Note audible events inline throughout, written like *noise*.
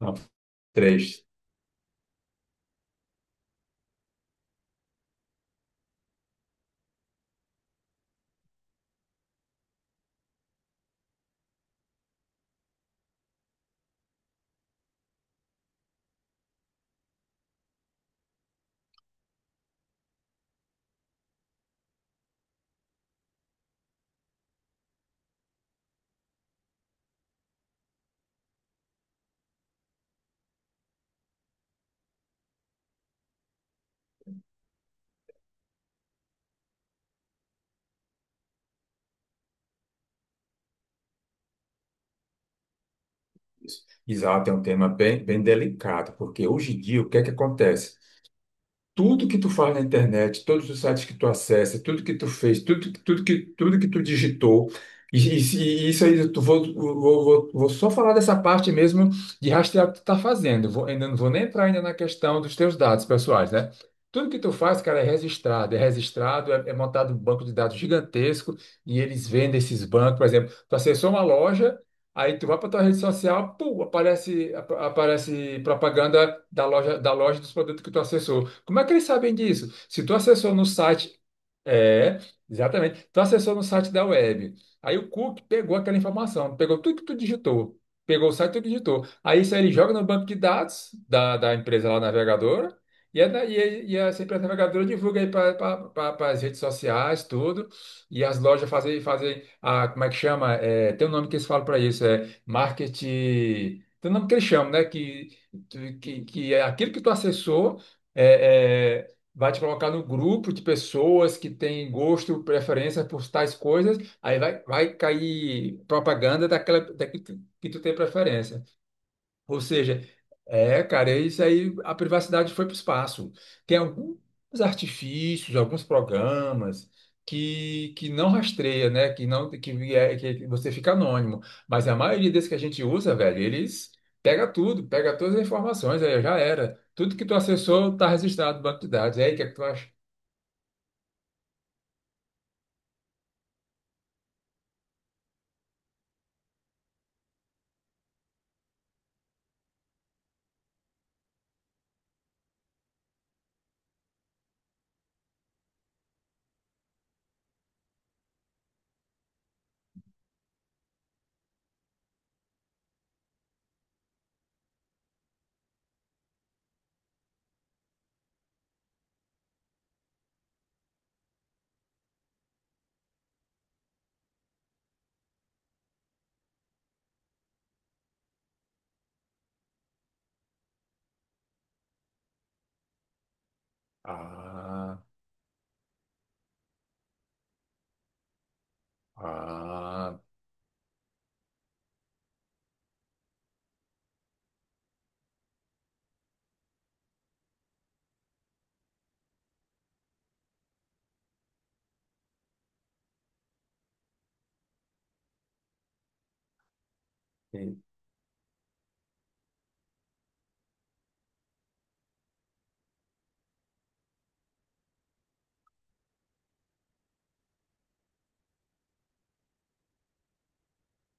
Não, três. Exato, é um tema bem, bem delicado, porque hoje em dia o que é que acontece? Tudo que tu faz na internet, todos os sites que tu acessa, tudo que tu fez, tudo, tudo tudo que tu digitou, e, e- e isso aí, eu tu vou, vou, vou, vou só falar dessa parte mesmo de rastrear o que tu tá fazendo. Vou, ainda não vou nem entrar ainda na questão dos teus dados pessoais, né? Tudo que tu faz, cara, é registrado, é registrado, é montado um banco de dados gigantesco e eles vendem esses bancos. Por exemplo, tu acessou uma loja. Aí tu vai para tua rede social, pum, aparece, aparece propaganda da loja dos produtos que tu acessou. Como é que eles sabem disso? Se tu acessou no site é, exatamente. Tu acessou no site da web. Aí o Cook pegou aquela informação, pegou tudo que tu digitou, pegou o site que tu digitou. Aí isso aí ele joga no banco de dados da empresa lá navegadora, e essa empresa navegadora divulga aí para as redes sociais, tudo, e as lojas fazem, fazem a, como é que chama? É, tem um nome que eles falam para isso, é marketing. Tem um nome que eles chamam, né? Que é aquilo que tu acessou. é, é, Vai te colocar no grupo de pessoas que têm gosto, preferência por tais coisas, aí vai cair propaganda daquela, da que tu tem preferência. Ou seja, é, cara, é isso aí, a privacidade foi para o espaço. Tem alguns artifícios, alguns programas que não rastreia, né? Que não que, é, que você fica anônimo. Mas a maioria desses que a gente usa, velho, eles pega tudo, pega todas as informações, aí já era. Tudo que tu acessou está registrado no banco de dados. E aí, o que é que tu acha? Ah, ah, e-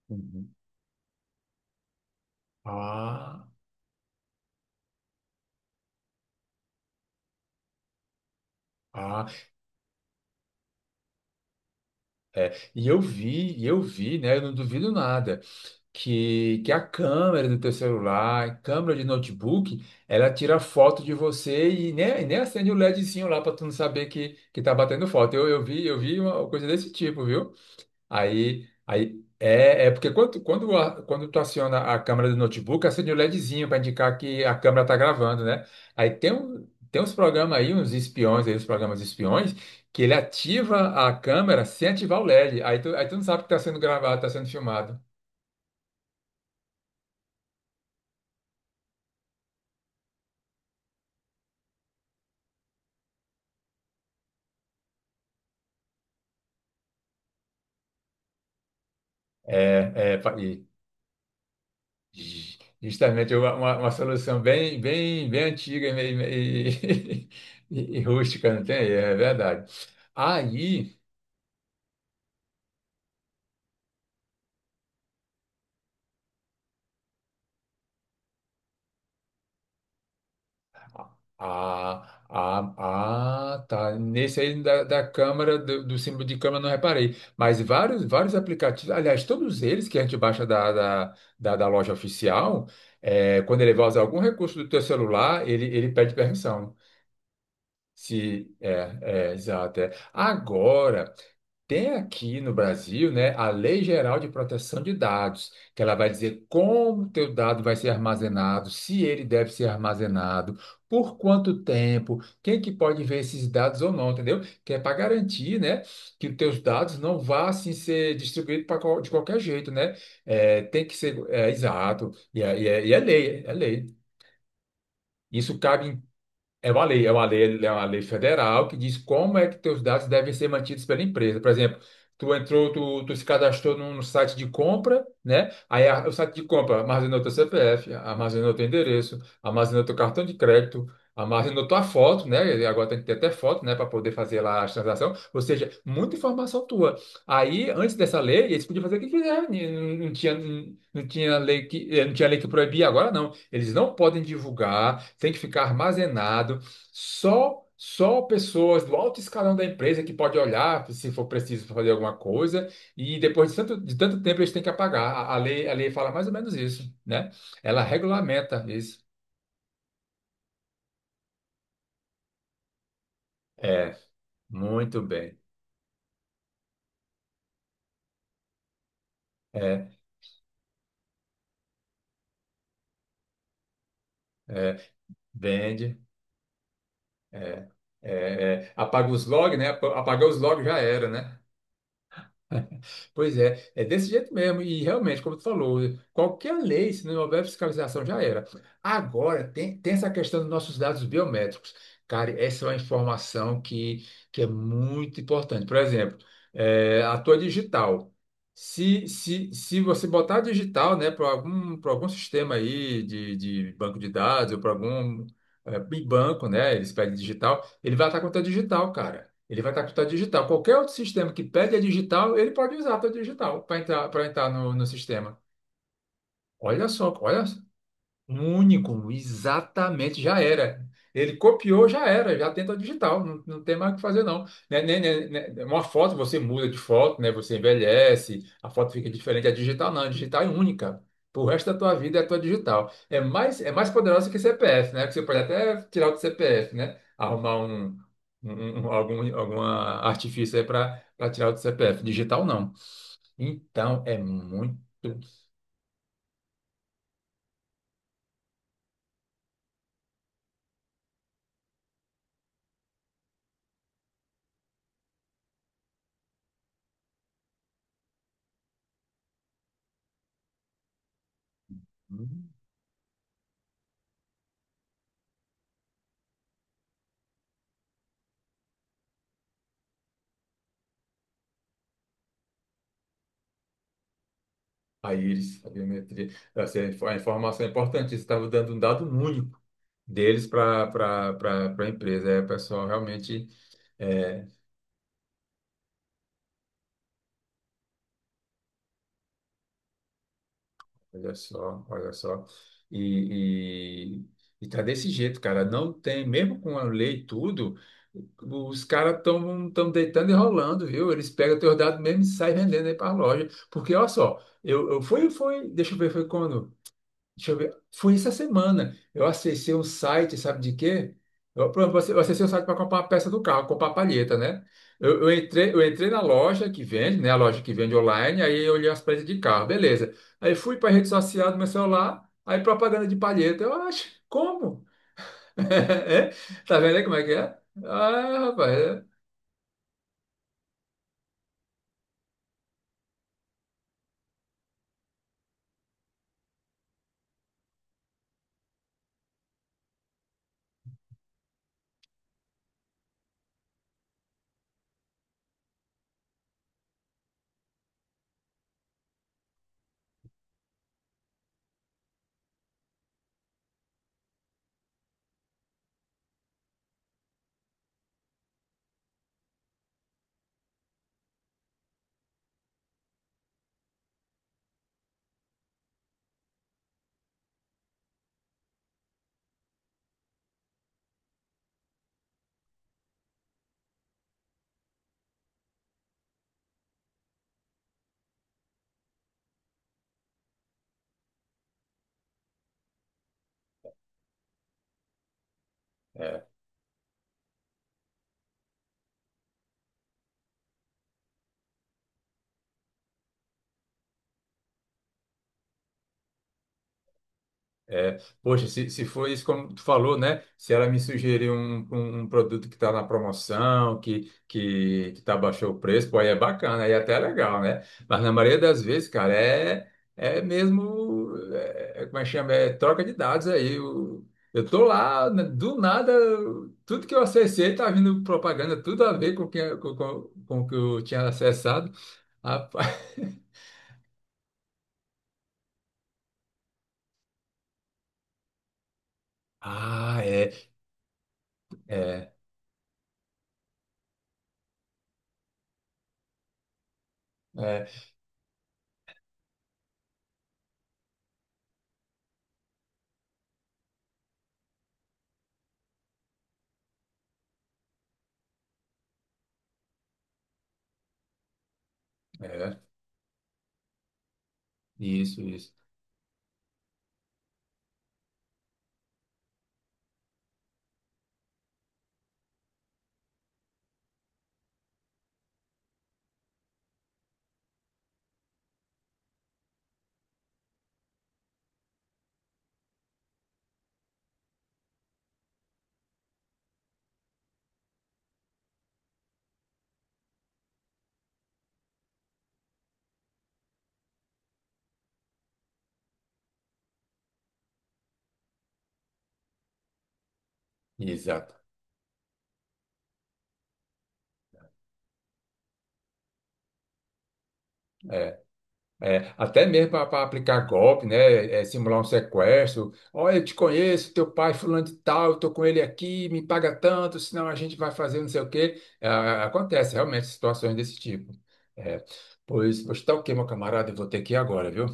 uhum. ah, ah, é. E eu vi, né? Eu não duvido nada que a câmera do teu celular, câmera de notebook, ela tira foto de você e nem acende o LEDzinho lá para tu não saber que tá batendo foto. Eu vi uma coisa desse tipo, viu? É porque quando tu aciona a câmera do notebook, acende o LEDzinho para indicar que a câmera está gravando, né? Aí tem, um, tem uns programas aí, uns espiões aí, os programas espiões, que ele ativa a câmera sem ativar o LED. Aí tu não sabe que está sendo gravado, está sendo filmado. É, é, pa- e justamente uma solução bem, bem, bem antiga *laughs* e rústica, não tem? É verdade. Aí. Ah, ah, ah, tá. Nesse aí da câmera, do símbolo de câmera, eu não reparei. Mas vários, vários aplicativos, aliás, todos eles que a gente baixa da loja oficial, é, quando ele vai usar algum recurso do teu celular, ele pede permissão. Se, é, é, exato. É. Agora. Tem aqui no Brasil, né, a Lei Geral de Proteção de Dados, que ela vai dizer como o teu dado vai ser armazenado, se ele deve ser armazenado, por quanto tempo, quem que pode ver esses dados ou não, entendeu? Que é para garantir, né, que os teus dados não vá assim ser distribuído pra de qualquer jeito, né? É, tem que ser é, exato e é lei, é lei. Isso cabe é uma lei, é uma lei, é uma lei federal que diz como é que teus dados devem ser mantidos pela empresa. Por exemplo, tu entrou, tu se cadastrou num site de compra, né? O site de compra armazenou teu CPF, armazenou teu endereço, armazenou teu cartão de crédito, armazenou tua foto, né? E agora tem que ter até foto, né, para poder fazer lá a transação. Ou seja, muita informação tua. Aí, antes dessa lei, eles podiam fazer o que quiser, né? Não tinha lei que, não tinha lei que proibia. Agora, não. Eles não podem divulgar, tem que ficar armazenado. Só pessoas do alto escalão da empresa que pode olhar se for preciso fazer alguma coisa, e depois de tanto tempo eles têm que apagar. A lei fala mais ou menos isso, né? Ela regulamenta isso. É, muito bem. É, é, vende, é, é, apaga os logs, né? Apagar os logs já era, né? Pois é, é desse jeito mesmo. E realmente, como tu falou, qualquer lei, se não houver fiscalização, já era. Agora, tem, tem essa questão dos nossos dados biométricos. Cara, essa é uma informação que é muito importante. Por exemplo, a tua digital. Se você botar a digital, né, para algum sistema aí de banco de dados ou para algum banco, né, eles pedem digital, ele vai estar com a tua digital, cara. Ele vai estar com digital. Qualquer outro sistema que pede a digital, ele pode usar a tua digital para entrar no sistema. Olha só, olha um único, exatamente, já era. Ele copiou, já era, já tem a digital, não tem mais o que fazer, não. Né, Uma foto você muda de foto, né? Você envelhece, a foto fica diferente. A digital não, a digital é única. Pro resto da tua vida é a tua digital. É mais poderosa que CPF, né? Que você pode até tirar do CPF, né? Arrumar um, algum, alguma artifício aí para tirar do CPF. Digital não. Então é muito. Aires, a biometria. Essa é a informação é importante. Isso estava dando um dado único deles para a empresa. É, o pessoal, realmente, é, olha só, olha só. E, e tá desse jeito, cara. Não tem, mesmo com a lei e tudo, os caras estão tão deitando e rolando, viu? Eles pegam teus dados mesmo e saem vendendo aí para a loja. Porque, olha só, eu fui, foi, deixa eu ver, foi quando? Deixa eu ver. Foi essa semana. Eu acessei um site, sabe de quê? Eu, por exemplo, eu acessei um site para comprar uma peça do carro, comprar a palheta, né? Eu entrei na loja que vende, né? A loja que vende online, aí eu olhei as peças de carro, beleza. Aí fui para a rede social do meu celular, aí propaganda de palheta. Eu acho, como? *laughs* É? Tá vendo aí como é que é? Ah, rapaz. É. É, poxa, se for isso como tu falou, né? Se ela me sugerir um, um produto que está na promoção, que tá baixou o preço, pô, aí é bacana, aí até é legal, né? Mas na maioria das vezes, cara, é mesmo, é, como é que chama? É troca de dados aí. Eu tô lá, né, do nada, tudo que eu acessei tá vindo propaganda, tudo a ver com o que, com o que eu tinha acessado. Rapaz. *laughs* Ah, é, é, é, é, isso, isso. Exato. É, é, até mesmo para aplicar golpe, né? É, simular um sequestro. Olha, eu te conheço, teu pai fulano de tal, eu tô com ele aqui, me paga tanto, senão a gente vai fazer não sei o quê. Ah, acontece realmente situações desse tipo. É, pois tá ok, meu camarada, eu vou ter que ir agora, viu?